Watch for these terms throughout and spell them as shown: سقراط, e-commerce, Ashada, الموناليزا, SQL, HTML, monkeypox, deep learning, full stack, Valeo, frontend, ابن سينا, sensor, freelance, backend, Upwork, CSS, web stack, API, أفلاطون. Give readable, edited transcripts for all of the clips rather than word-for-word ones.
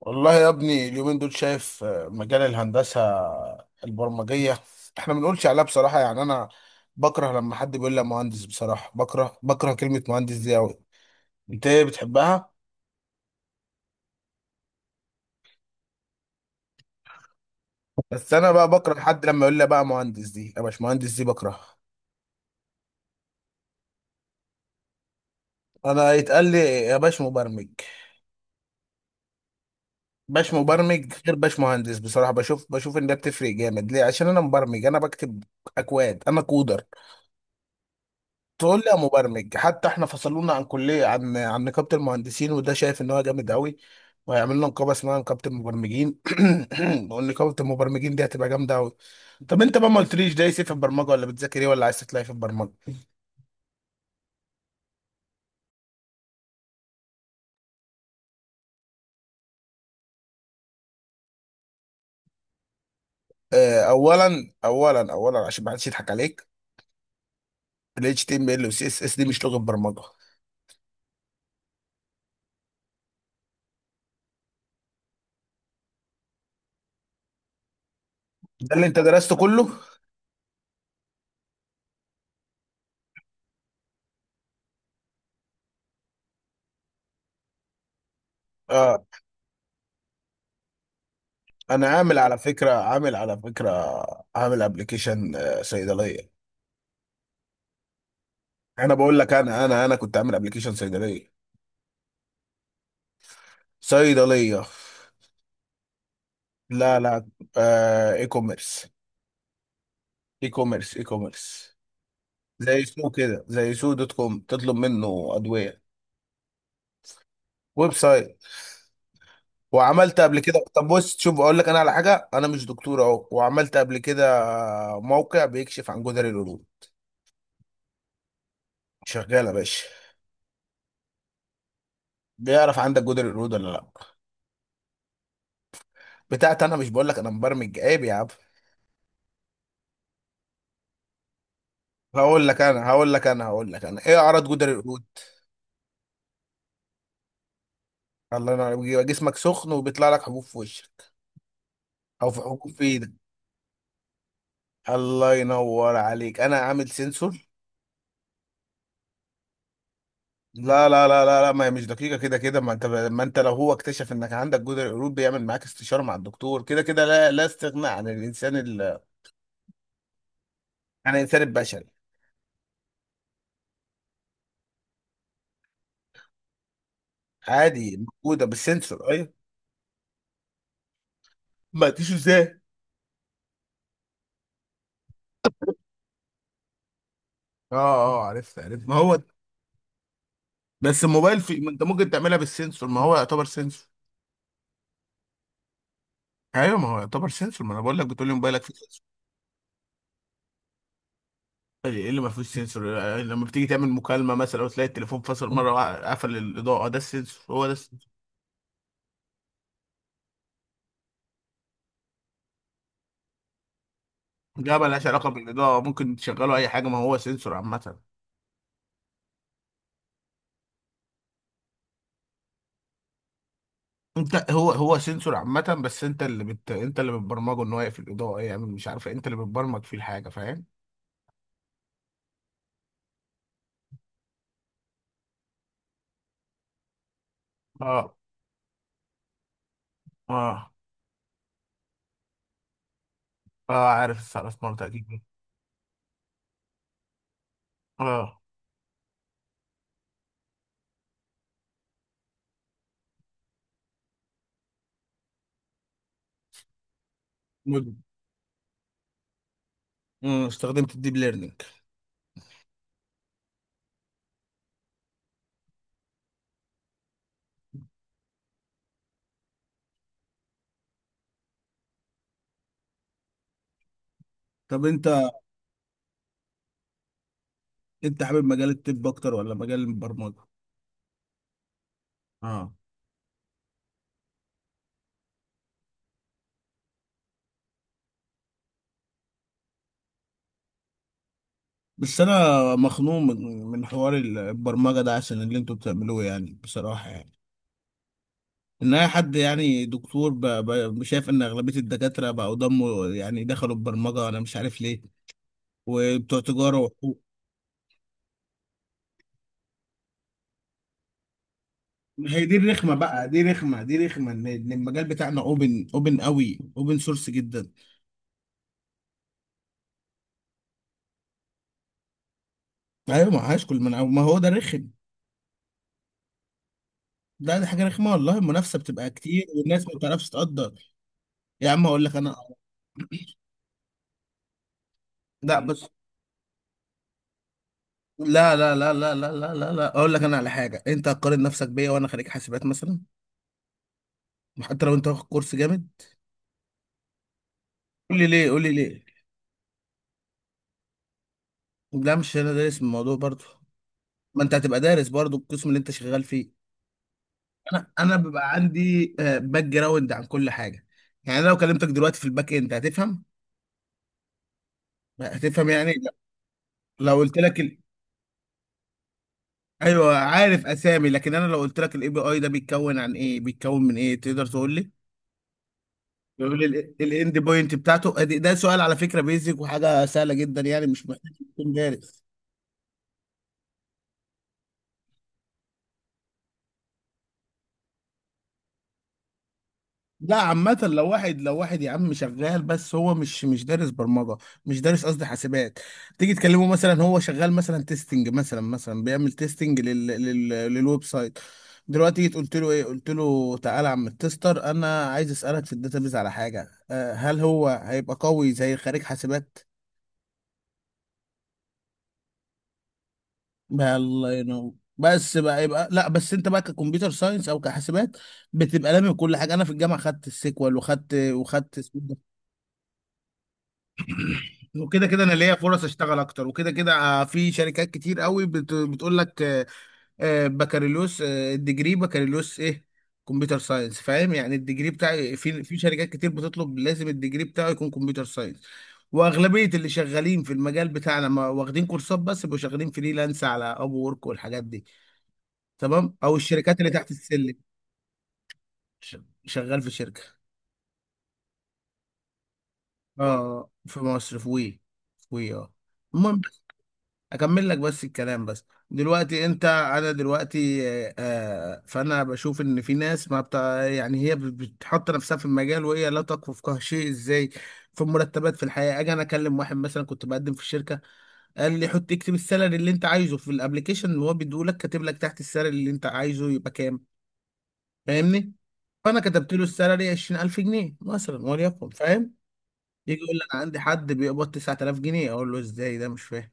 والله يا ابني اليومين دول شايف مجال الهندسة البرمجية. احنا ما بنقولش عليها بصراحة، يعني انا بكره لما حد بيقول لي مهندس. بصراحة بكره كلمة مهندس دي قوي. انت ايه بتحبها؟ بس انا بقى بكره حد لما يقول لي بقى مهندس دي، يا باش مهندس دي بكره. انا يتقال لي يا باش مبرمج. باش مبرمج غير باش مهندس، بصراحة بشوف ان ده بتفرق جامد. ليه؟ عشان انا مبرمج، انا بكتب اكواد، انا كودر. تقول لي يا مبرمج. حتى احنا فصلونا عن كليه، عن نقابه المهندسين، وده شايف ان هو جامد قوي. وهيعمل لنا نقابه اسمها نقابه المبرمجين. ونقابه المبرمجين دي هتبقى جامده قوي. طب انت بقى ما قلتليش دايس إيه في البرمجه، ولا بتذاكر ايه، ولا عايز تطلع إيه في البرمجه؟ اه، اولا عشان ما حدش يضحك عليك. ال HTML و CSS دي مش لغه برمجه. ده اللي انت درسته كله؟ اه، انا عامل على فكره، عامل ابلكيشن صيدليه. انا بقول لك، انا كنت عامل ابلكيشن صيدليه. صيدلية. لا لا، آه اي كوميرس. زي سوق كده، زي سوق دوت كوم، تطلب منه ادوية. ويب سايت. وعملت قبل كده، طب بص شوف اقول لك انا على حاجة، انا مش دكتور اهو، وعملت قبل كده موقع بيكشف عن جدري القرود. شغالة يا باشا. بيعرف عندك جدري القرود ولا لا. بتاعت انا مش بقول لك انا مبرمج، عيب يا عم. هقول لك انا هقول لك انا هقول لك انا ايه اعراض جدري القرود. الله ينور عليك. بيبقى جسمك سخن وبيطلع لك حبوب في وشك، او في حبوب في ايدك. الله ينور عليك، انا عامل سنسور. لا لا لا لا لا، ما هي مش دقيقه. كده كده، ما انت لو هو اكتشف انك عندك جدر قلوب، بيعمل معاك استشاره مع الدكتور. كده كده لا لا استغناء عن الانسان ال... عن الانسان البشري. عادي. موجوده بالسنسور، ايوه. ما تيجي ازاي. اه اه، عرفت عرفت، ما هو بس الموبايل في، ما انت ممكن تعملها بالسنسور، ما هو يعتبر سنسور. ايوه، ما هو يعتبر سنسور، ما انا بقول لك، بتقول لي موبايلك فيه سنسور. ايه اللي ما فيهوش سنسور؟ لما بتيجي تعمل مكالمه مثلا وتلاقي التليفون فصل مره وقفل الاضاءه، ده السنسور هو ده. ده ملهاش علاقة بالإضاءة، ممكن تشغله أي حاجة، ما هو سنسور عامة. أنت، هو سنسور عامة، بس أنت اللي بت... أنت اللي بتبرمجه إن هو يقفل الإضاءة، يعمل يعني مش عارف إيه، أنت اللي بتبرمج فيه الحاجة، فاهم؟ اه اه اه عارف السعر سمارت أكيد. اه، مدمج. استخدمت الديب ليرنينج. طب أنت حابب مجال الطب أكتر ولا مجال البرمجة؟ اه، بس أنا مخنوق من حوار البرمجة ده، عشان اللي أنتوا بتعملوه يعني، بصراحة يعني. ان اي حد يعني دكتور شايف ان اغلبيه الدكاتره بقوا ضموا يعني، دخلوا البرمجه، انا مش عارف ليه، وبتوع تجاره وحقوق. ما هي دي الرخمه بقى، دي رخمه، دي رخمه، إن المجال بتاعنا اوبن، اوبن قوي، اوبن سورس جدا. ايوه ما هاش كل من، ما هو ده رخم. لا دي حاجه رخمه والله، المنافسه بتبقى كتير والناس ما بتعرفش تقدر. يا عم اقول لك انا، لا بس، لا لا لا لا لا لا لا لا، اقول لك انا على حاجه. انت هتقارن نفسك بيا وانا خريج حاسبات مثلا؟ حتى لو انت واخد كورس جامد. قول لي ليه، قول لي ليه. لا مش انا دارس من الموضوع برضو. ما انت هتبقى دارس برضو القسم اللي انت شغال فيه. انا بيبقى عندي باك جراوند عن كل حاجه. يعني أنا لو كلمتك دلوقتي في الباك اند هتفهم، هتفهم يعني. لو قلت لك ال... ايوه، عارف اسامي، لكن انا لو قلت لك الاي بي اي ده بيتكون عن ايه، بيتكون من ايه، تقدر تقول لي؟ تقول لي الاند بوينت بتاعته ده سؤال على فكره بيزك وحاجه سهله جدا يعني، مش محتاج تكون دارس. لا عامة لو واحد، يا عم شغال بس هو مش دارس برمجة، مش دارس قصدي حاسبات. تيجي تكلمه مثلا، هو شغال مثلا تيستنج، مثلا بيعمل تيستنج لل... لل... للويب سايت. دلوقتي جيت قلت له ايه، قلت له تعالى يا عم التستر، انا عايز اسالك في الداتابيز على حاجة، أه، هل هو هيبقى قوي زي خريج حاسبات؟ بقى الله ينور. بس بقى يبقى، لا بس انت بقى ككمبيوتر ساينس او كحاسبات، بتبقى لامي كل حاجه. انا في الجامعه خدت السيكوال، وخدت وخدت، وكده كده انا ليا فرص اشتغل اكتر. وكده كده في شركات كتير قوي بت... بتقول لك بكالوريوس، الديجري بكالوريوس ايه؟ كمبيوتر ساينس، فاهم يعني الديجري بتاعي. في شركات كتير بتطلب لازم الديجري بتاعه يكون كمبيوتر ساينس. واغلبيه اللي شغالين في المجال بتاعنا، ما واخدين كورسات بس، بيبقوا شغالين فريلانس على اب وورك والحاجات دي، تمام، او الشركات اللي تحت السلم. ش- شغال في شركه. اه في مصر، في وي. في وي، اه. المهم، اكمل لك بس الكلام بس. دلوقتي انت، انا دلوقتي فانا بشوف ان في ناس ما بتاع يعني، هي بتحط نفسها في المجال وهي لا تكفو في شيء، ازاي في المرتبات، في الحياه. اجي انا اكلم واحد مثلا، كنت بقدم في الشركه، قال لي حط اكتب السالري اللي انت عايزه في الابليكيشن اللي هو بيديه لك، كاتب لك تحت السالري اللي انت عايزه يبقى كام، فاهمني؟ فانا كتبت له السالري 20000 جنيه مثلا وليكن، فاهم. يجي يقول لي انا عندي حد بيقبض 9000 جنيه، اقول له ازاي ده، مش فاهم.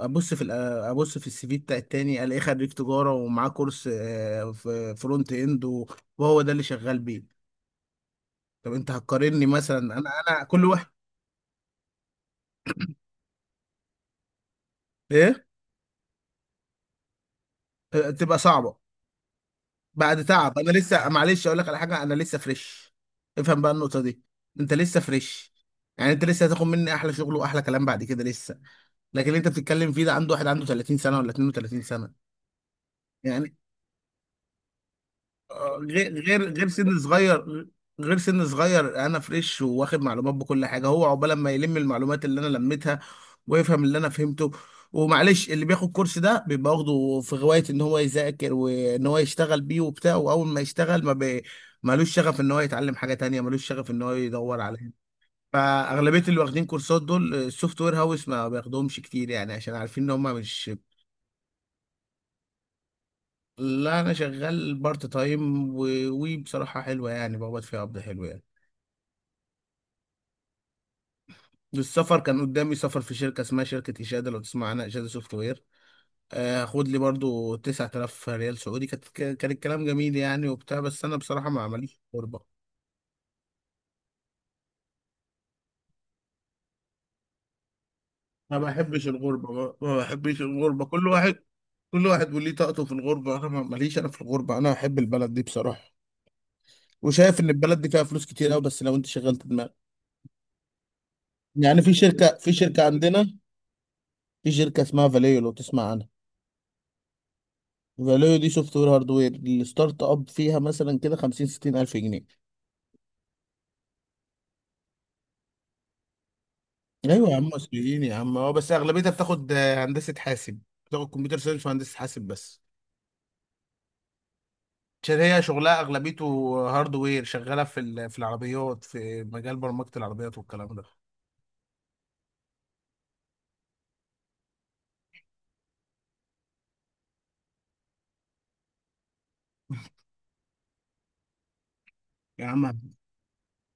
ابص في ال- ابص في السي في بتاع التاني، الاقيه خريج تجاره ومعاه كورس في فرونت اند، و- وهو ده اللي شغال بيه. طب انت هتقارني مثلا؟ انا انا كل واحد. ايه؟ تبقى صعبه بعد تعب. انا لسه معلش، اقول لك على حاجه، انا لسه فريش. افهم بقى النقطه دي. انت لسه فريش يعني، انت لسه هتاخد مني احلى شغل واحلى كلام بعد كده لسه. لكن اللي انت بتتكلم فيه ده، عنده واحد عنده 30 سنه ولا 32 سنه يعني، غير سن صغير. غير سن صغير، انا فريش واخد معلومات بكل حاجه، هو عقبال ما يلم المعلومات اللي انا لميتها ويفهم اللي انا فهمته. ومعلش، اللي بياخد كورس ده بيبقى واخده في غوايه ان هو يذاكر وان هو يشتغل بيه وبتاع، واول ما يشتغل ما بي... مالوش شغف ان هو يتعلم حاجه تانية، مالوش شغف ان هو يدور عليها. فاغلبيه اللي واخدين كورسات دول، السوفت وير هاوس ما بياخدهمش كتير يعني، عشان عارفين ان هم مش... لا انا شغال بارت تايم، وبصراحه حلوه يعني، بقبض فيها قبض حلو يعني. السفر كان قدامي سفر في شركه اسمها شركه اشاده، لو تسمع عنها، اشاده سوفت وير. هاخد لي برضو 9000 ريال سعودي. كان الكلام جميل يعني وبتاع، بس انا بصراحه ما عمليش غربه، ما بحبش الغربه. ما بحبش الغربه. كل واحد، كل واحد وليه طاقته في الغربه. انا ماليش انا في الغربه. انا بحب البلد دي بصراحه، وشايف ان البلد دي فيها فلوس كتير قوي، بس لو انت شغلت دماغك. يعني في شركه، عندنا في شركه اسمها فاليو، لو تسمع عنها. فاليو دي سوفت وير هاردوير، الستارت اب فيها مثلا كده 50 60 الف جنيه. ايوه يا عم مصريين يا عم، اه، بس اغلبيتها بتاخد هندسه حاسب، بتاخد كمبيوتر ساينس وهندسه حاسب بس، عشان هي شغلها اغلبيته هاردوير، شغاله في ال... في العربيات، في مجال برمجه العربيات والكلام ده. يا عم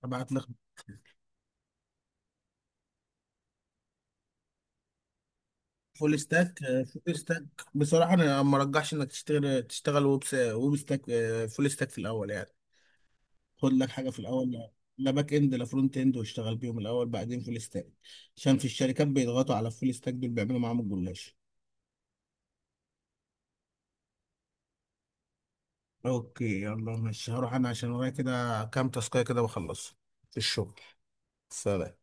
هبعت لك. فول ستاك، فول ستاك. بصراحه انا ما ارجحش انك تشتغل، تشتغل ويب س... ويب ستاك فول ستاك في الاول يعني، خد لك حاجه في الاول. لا، لا باك اند لا فرونت اند، واشتغل بيهم الاول، بعدين فول ستاك. عشان في الشركات بيضغطوا على الفول ستاك دول، بيعملوا معاهم الجلاش. اوكي يلا ماشي، هروح انا عشان ورايا كده كام تاسكايه كده واخلص في الشغل. سلام.